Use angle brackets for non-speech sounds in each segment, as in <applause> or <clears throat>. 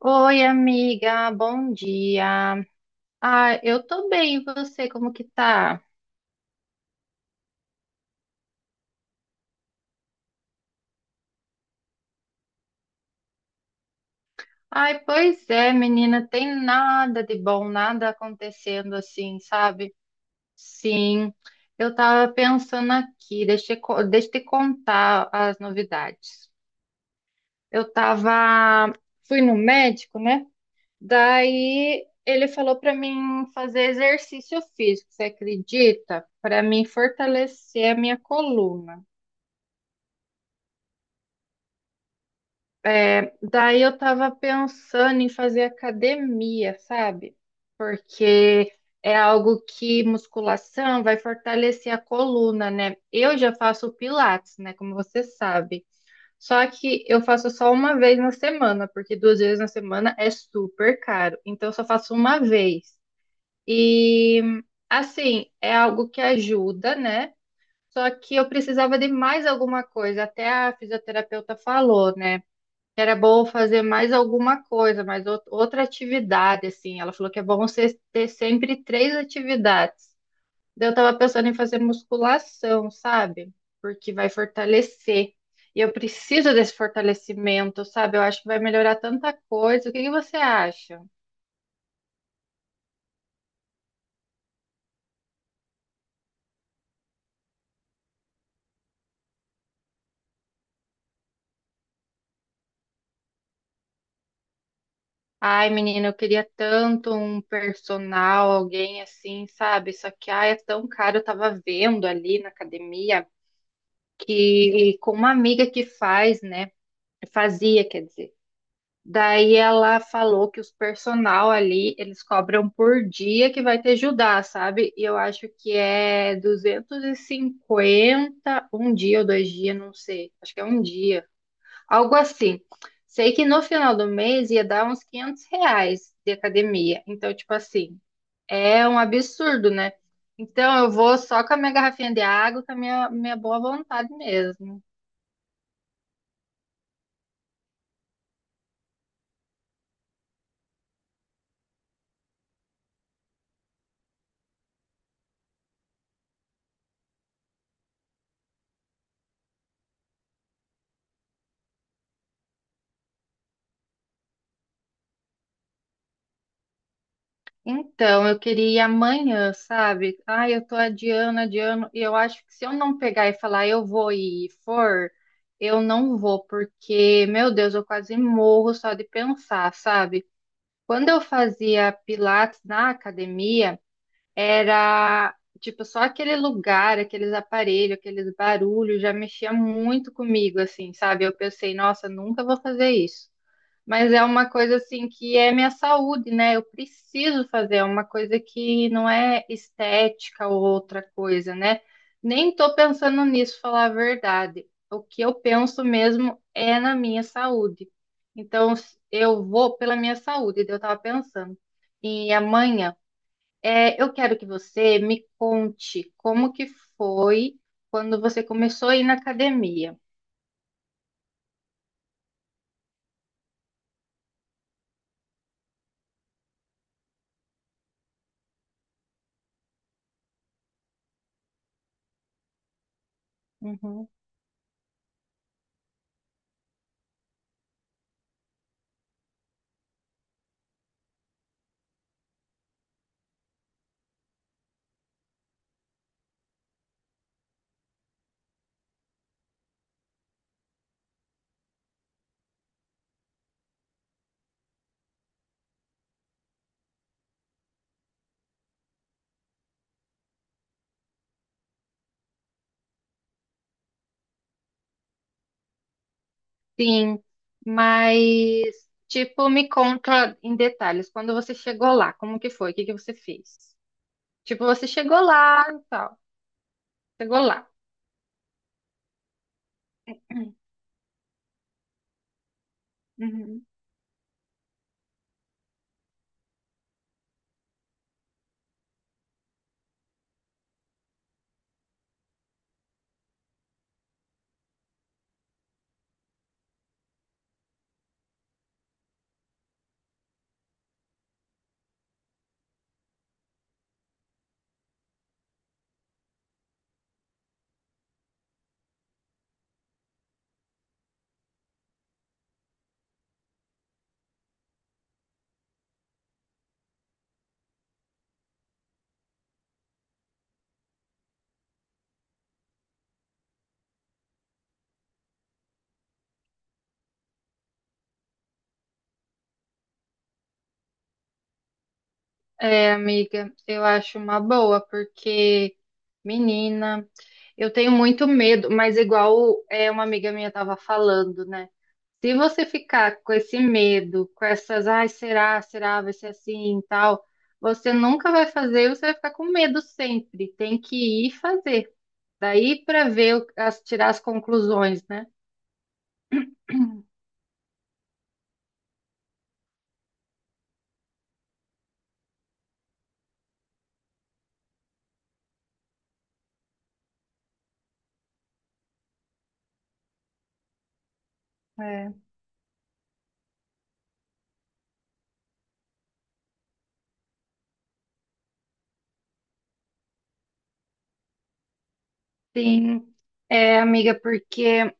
Oi, amiga, bom dia. Eu tô bem, e você, como que tá? Ai, pois é, menina, tem nada de bom, nada acontecendo assim, sabe? Sim, eu tava pensando aqui, deixa eu te contar as novidades. Eu tava, fui no médico, né? Daí ele falou pra mim fazer exercício físico, você acredita? Pra mim fortalecer a minha coluna. É, daí eu tava pensando em fazer academia, sabe? Porque é algo que musculação vai fortalecer a coluna, né? Eu já faço pilates, né? Como você sabe. Só que eu faço só uma vez na semana, porque duas vezes na semana é super caro. Então eu só faço uma vez. E assim, é algo que ajuda, né? Só que eu precisava de mais alguma coisa. Até a fisioterapeuta falou, né? Era bom fazer mais alguma coisa, outra atividade, assim. Ela falou que é bom você ter sempre três atividades. Daí eu tava pensando em fazer musculação, sabe? Porque vai fortalecer. E eu preciso desse fortalecimento, sabe? Eu acho que vai melhorar tanta coisa. O que que você acha? Ai, menina, eu queria tanto um personal, alguém assim, sabe? Só que, ai, é tão caro. Eu tava vendo ali na academia que com uma amiga que faz, né? Fazia, quer dizer. Daí ela falou que os personal ali, eles cobram por dia que vai ter Judá, sabe? E eu acho que é 250 um dia ou dois dias, não sei. Acho que é um dia, algo assim. Sei que no final do mês ia dar uns R$ 500 de academia. Então, tipo assim, é um absurdo, né? Então, eu vou só com a minha garrafinha de água, com a minha boa vontade mesmo. Então, eu queria ir amanhã, sabe? Ai, eu tô adiando, adiando, e eu acho que se eu não pegar e falar eu vou e for, eu não vou, porque, meu Deus, eu quase morro só de pensar, sabe? Quando eu fazia pilates na academia, era tipo só aquele lugar, aqueles aparelhos, aqueles barulhos, já mexia muito comigo, assim, sabe? Eu pensei, nossa, nunca vou fazer isso. Mas é uma coisa assim que é minha saúde, né? Eu preciso fazer, é uma coisa que não é estética ou outra coisa, né? Nem tô pensando nisso, falar a verdade. O que eu penso mesmo é na minha saúde. Então, eu vou pela minha saúde, daí eu tava pensando. E amanhã, eu quero que você me conte como que foi quando você começou a ir na academia. Uhum. Sim, mas tipo, me conta em detalhes, quando você chegou lá, como que foi? O que que você fez? Tipo, você chegou lá e tal. Chegou lá. <clears throat> Uhum. É, amiga, eu acho uma boa, porque, menina, eu tenho muito medo, mas igual é uma amiga minha estava falando, né? Se você ficar com esse medo, com essas, ai, será, vai ser assim e tal, você nunca vai fazer, você vai ficar com medo sempre. Tem que ir fazer. Daí para ver, tirar as conclusões, né? Sim, é, amiga, porque,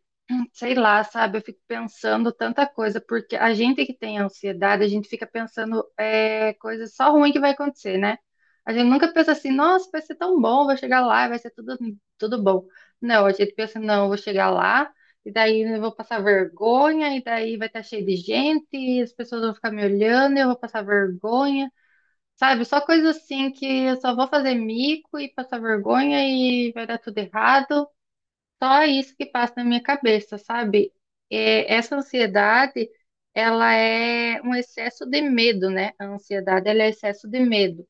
sei lá, sabe, eu fico pensando tanta coisa, porque a gente que tem ansiedade, a gente fica pensando coisas só ruim que vai acontecer, né? A gente nunca pensa assim, nossa, vai ser tão bom, vou chegar lá, e vai ser tudo, tudo bom. Não, a gente pensa, não, eu vou chegar lá, e daí eu vou passar vergonha, e daí vai estar cheio de gente, e as pessoas vão ficar me olhando, e eu vou passar vergonha. Sabe, só coisa assim que eu só vou fazer mico e passar vergonha e vai dar tudo errado. Só isso que passa na minha cabeça, sabe? É, essa ansiedade, ela é um excesso de medo, né? A ansiedade, ela é excesso de medo.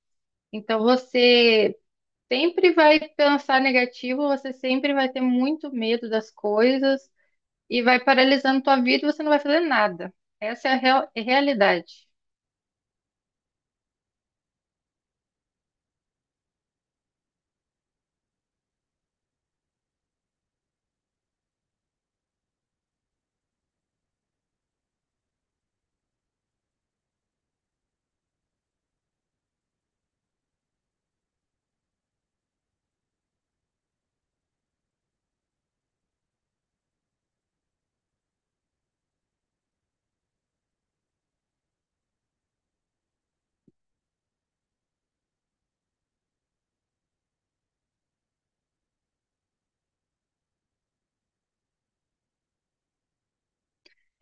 Então, você sempre vai pensar negativo, você sempre vai ter muito medo das coisas e vai paralisando tua vida e você não vai fazer nada. Essa é é a realidade.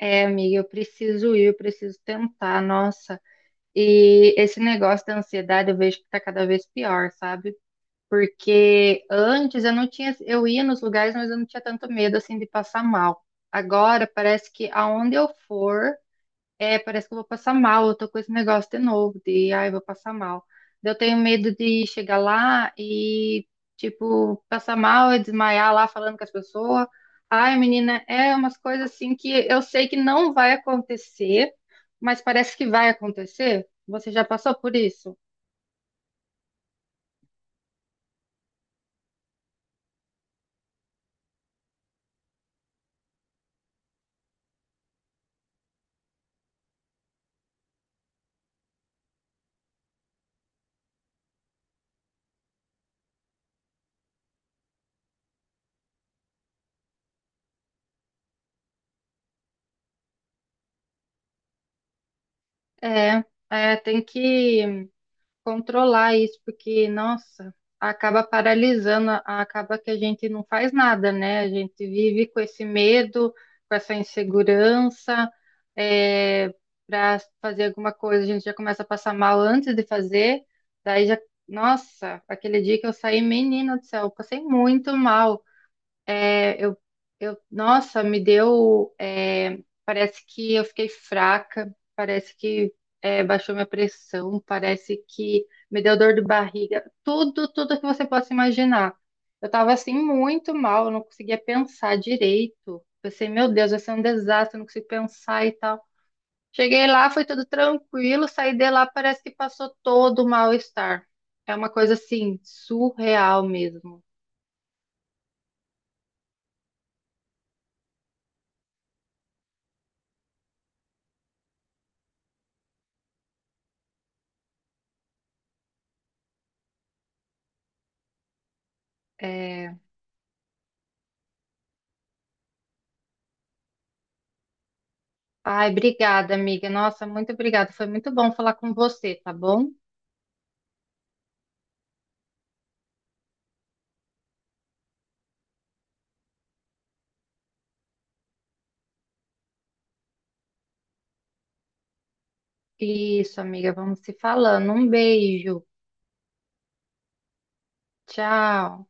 É, amiga, eu preciso ir, eu preciso tentar, nossa. E esse negócio da ansiedade eu vejo que tá cada vez pior, sabe? Porque antes eu não tinha, eu ia nos lugares, mas eu não tinha tanto medo assim de passar mal. Agora parece que aonde eu for, parece que eu vou passar mal. Eu tô com esse negócio de novo, de ai, vou passar mal. Eu tenho medo de chegar lá e tipo passar mal e desmaiar lá falando com as pessoas. Ai, menina, é umas coisas assim que eu sei que não vai acontecer, mas parece que vai acontecer. Você já passou por isso? É, é, tem que controlar isso, porque, nossa, acaba paralisando, acaba que a gente não faz nada, né? A gente vive com esse medo, com essa insegurança, para fazer alguma coisa, a gente já começa a passar mal antes de fazer, daí já, nossa, aquele dia que eu saí, menina do céu, eu passei muito mal. É, eu, eu, nossa, parece que eu fiquei fraca, parece que baixou minha pressão, parece que me deu dor de barriga, tudo, tudo que você possa imaginar. Eu tava assim muito mal, eu não conseguia pensar direito. Pensei, meu Deus, vai ser um desastre, eu não consigo pensar e tal. Cheguei lá, foi tudo tranquilo, saí de lá, parece que passou todo o mal-estar. É uma coisa assim, surreal mesmo. É, Ai, obrigada, amiga. Nossa, muito obrigada. Foi muito bom falar com você, tá bom? Isso, amiga. Vamos se falando. Um beijo. Tchau.